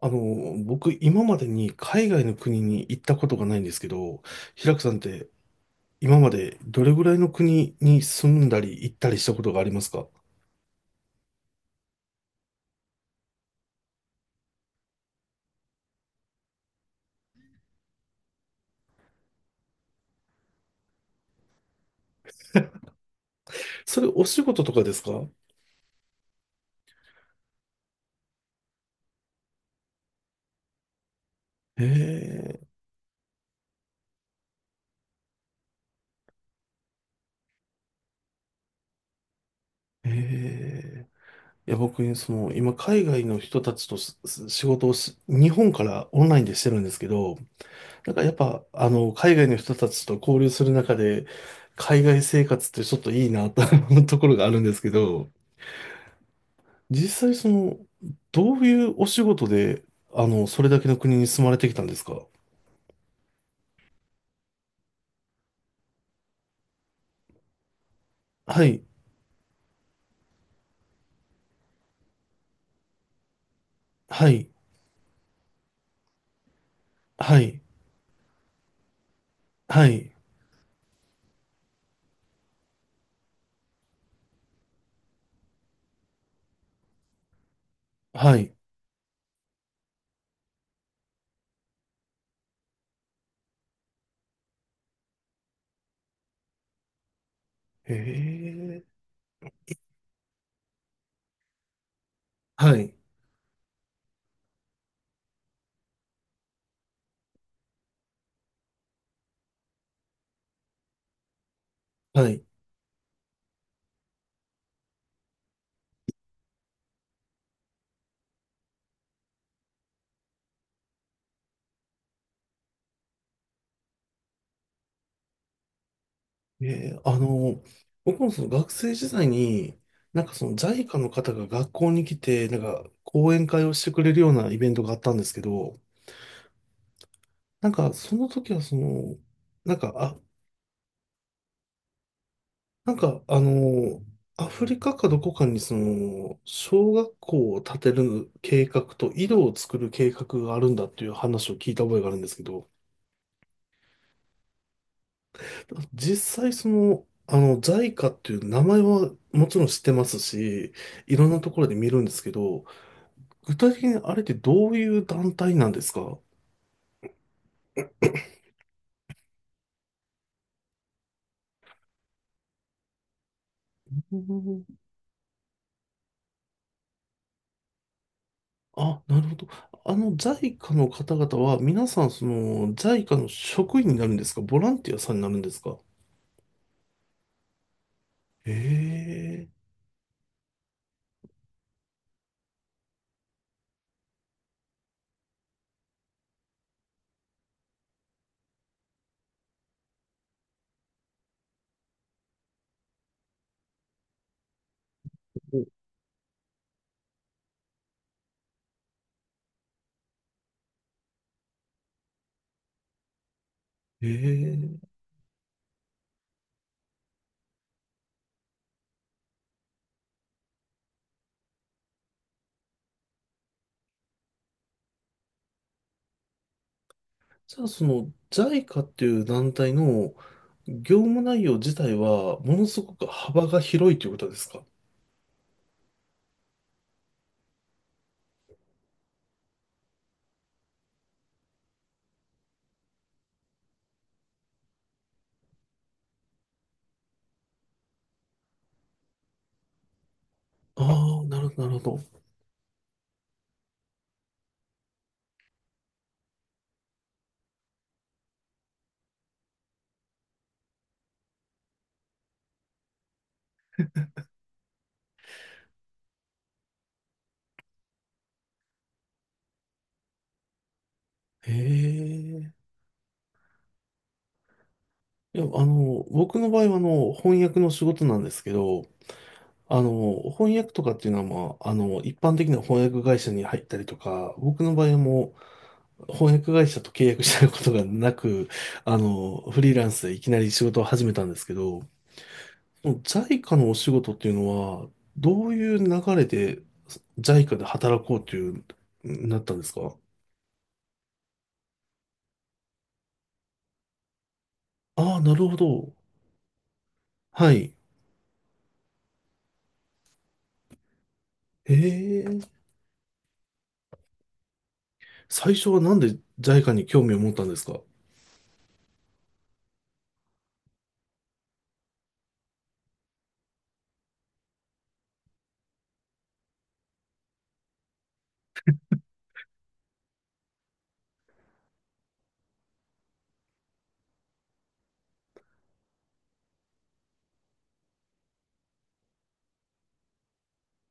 僕、今までに海外の国に行ったことがないんですけど、平久さんって、今までどれぐらいの国に住んだり行ったりしたことがありますか？それお仕事とかですか？ええ、ええ。いや、僕ね今、海外の人たちと仕事をし、日本からオンラインでしてるんですけど、なんかやっぱ、海外の人たちと交流する中で、海外生活ってちょっといいなと思うところがあるんですけど、実際その、どういうお仕事で、それだけの国に住まれてきたんですか？はい、はい、はい、はい、はい。ええ、はい、はい。ええ、あの、僕もその学生時代に、なんかその j i の方が学校に来て、なんか講演会をしてくれるようなイベントがあったんですけど、なんかその時はその、なんか、あ、なんか、あの、アフリカかどこかにその、小学校を建てる計画と井戸を作る計画があるんだっていう話を聞いた覚えがあるんですけど、実際その、あの、JICA っていう名前はもちろん知ってますし、いろんなところで見るんですけど、具体的にあれってどういう団体なんですか？うん、あ、なるほど。あの JICA の方々は皆さんその JICA の職員になるんですか？ボランティアさんになるんですか？ええ、ええ、じゃあその JICA っていう団体の業務内容自体はものすごく幅が広いということですか？ああ、なるほど、なるほど。ええ。いや、あの、僕の場合はあの、翻訳の仕事なんですけど、あの、翻訳とかっていうのは、まあ、あの、一般的な翻訳会社に入ったりとか、僕の場合はもう、翻訳会社と契約したことがなく、あの、フリーランスでいきなり仕事を始めたんですけど、JICA のお仕事っていうのは、どういう流れで JICA で働こうという、なったんですか？ああー、なるほど。はい。ええ、最初はなんで JICA に興味を持ったんですか？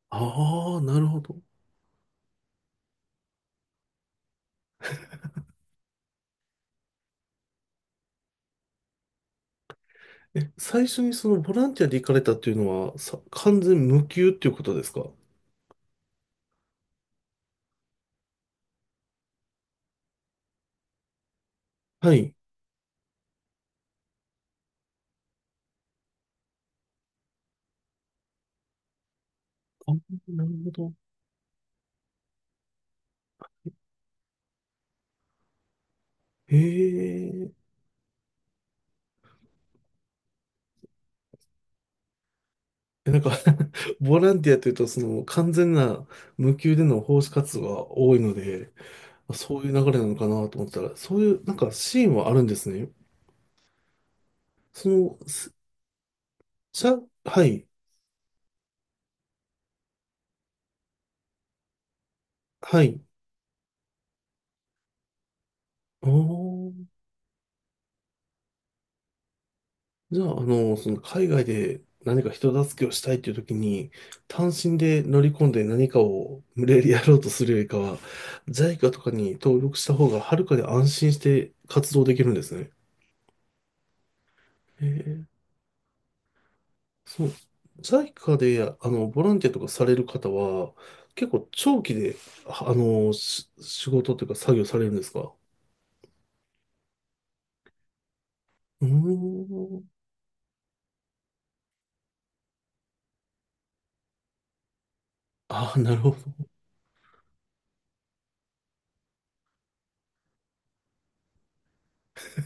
ああー、なるほど。え、最初にそのボランティアで行かれたっていうのは、さ、完全無給っていうことですか？はい。あ、なるほど。へえ。え、なんか ボランティアというと、その完全な無給での奉仕活動が多いので、そういう流れなのかなと思ってたら、そういうなんかシーンはあるんですね。その、す、じゃ、はい、はい。あー、じゃあ、あの、その海外で何か人助けをしたいっていう時に、単身で乗り込んで何かを無理やりやろうとするよりかは、JICA とかに登録した方がはるかに安心して活動できるんですね。ええ、そう、JICA で、あの、ボランティアとかされる方は、結構長期で、ああ、の、し仕事というか作業されるんですか？うーん。ああ、なるほど。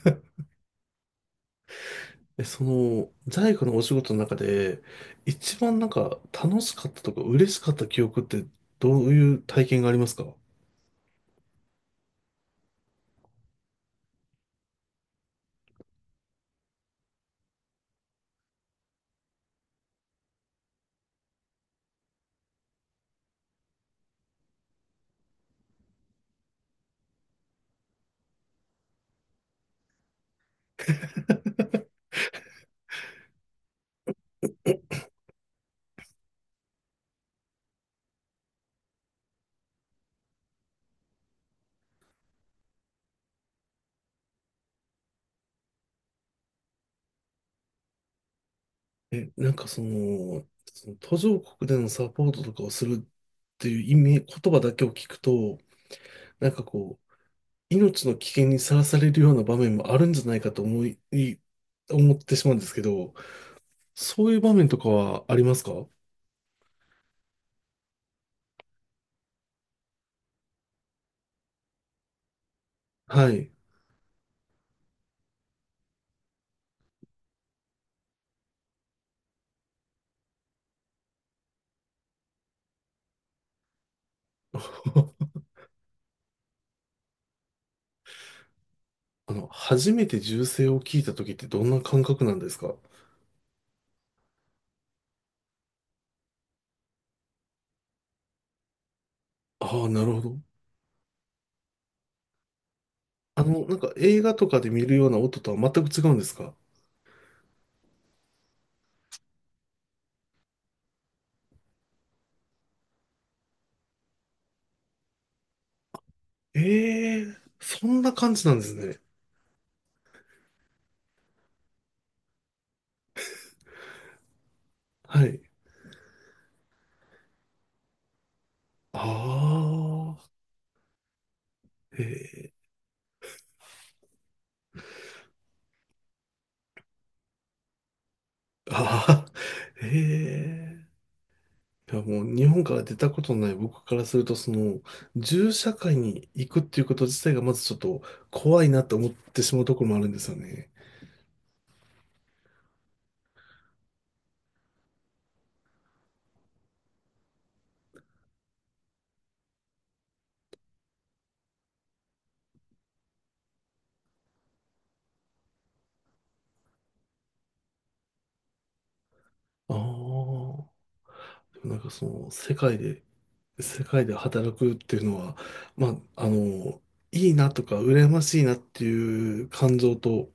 え、その、在庫のお仕事の中で、一番なんか楽しかったとか嬉しかった記憶ってどういう体験がありますか？え、なんかその、その途上国でのサポートとかをするっていう意味、言葉だけを聞くと、なんかこう、命の危険にさらされるような場面もあるんじゃないかと思い、い、思ってしまうんですけど、そういう場面とかはありますか？はい。あの、初めて銃声を聞いた時ってどんな感覚なんですか？ああ、なるほど。あの、なんか映画とかで見るような音とは全く違うんですか？ええー、そんな感じなんですね。はい。ああ。ええ、ああ、ええ、いやもう日本から出たことのない僕からすると、その、銃社会に行くっていうこと自体がまずちょっと怖いなって思ってしまうところもあるんですよね。ああ、でもなんかその、世界で、世界で働くっていうのは、まあ、あの、いいなとか、羨ましいなっていう感情と、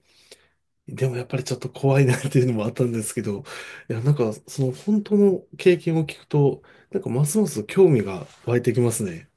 でもやっぱりちょっと怖いなっていうのもあったんですけど、いや、なんかその本当の経験を聞くと、なんかますます興味が湧いてきますね。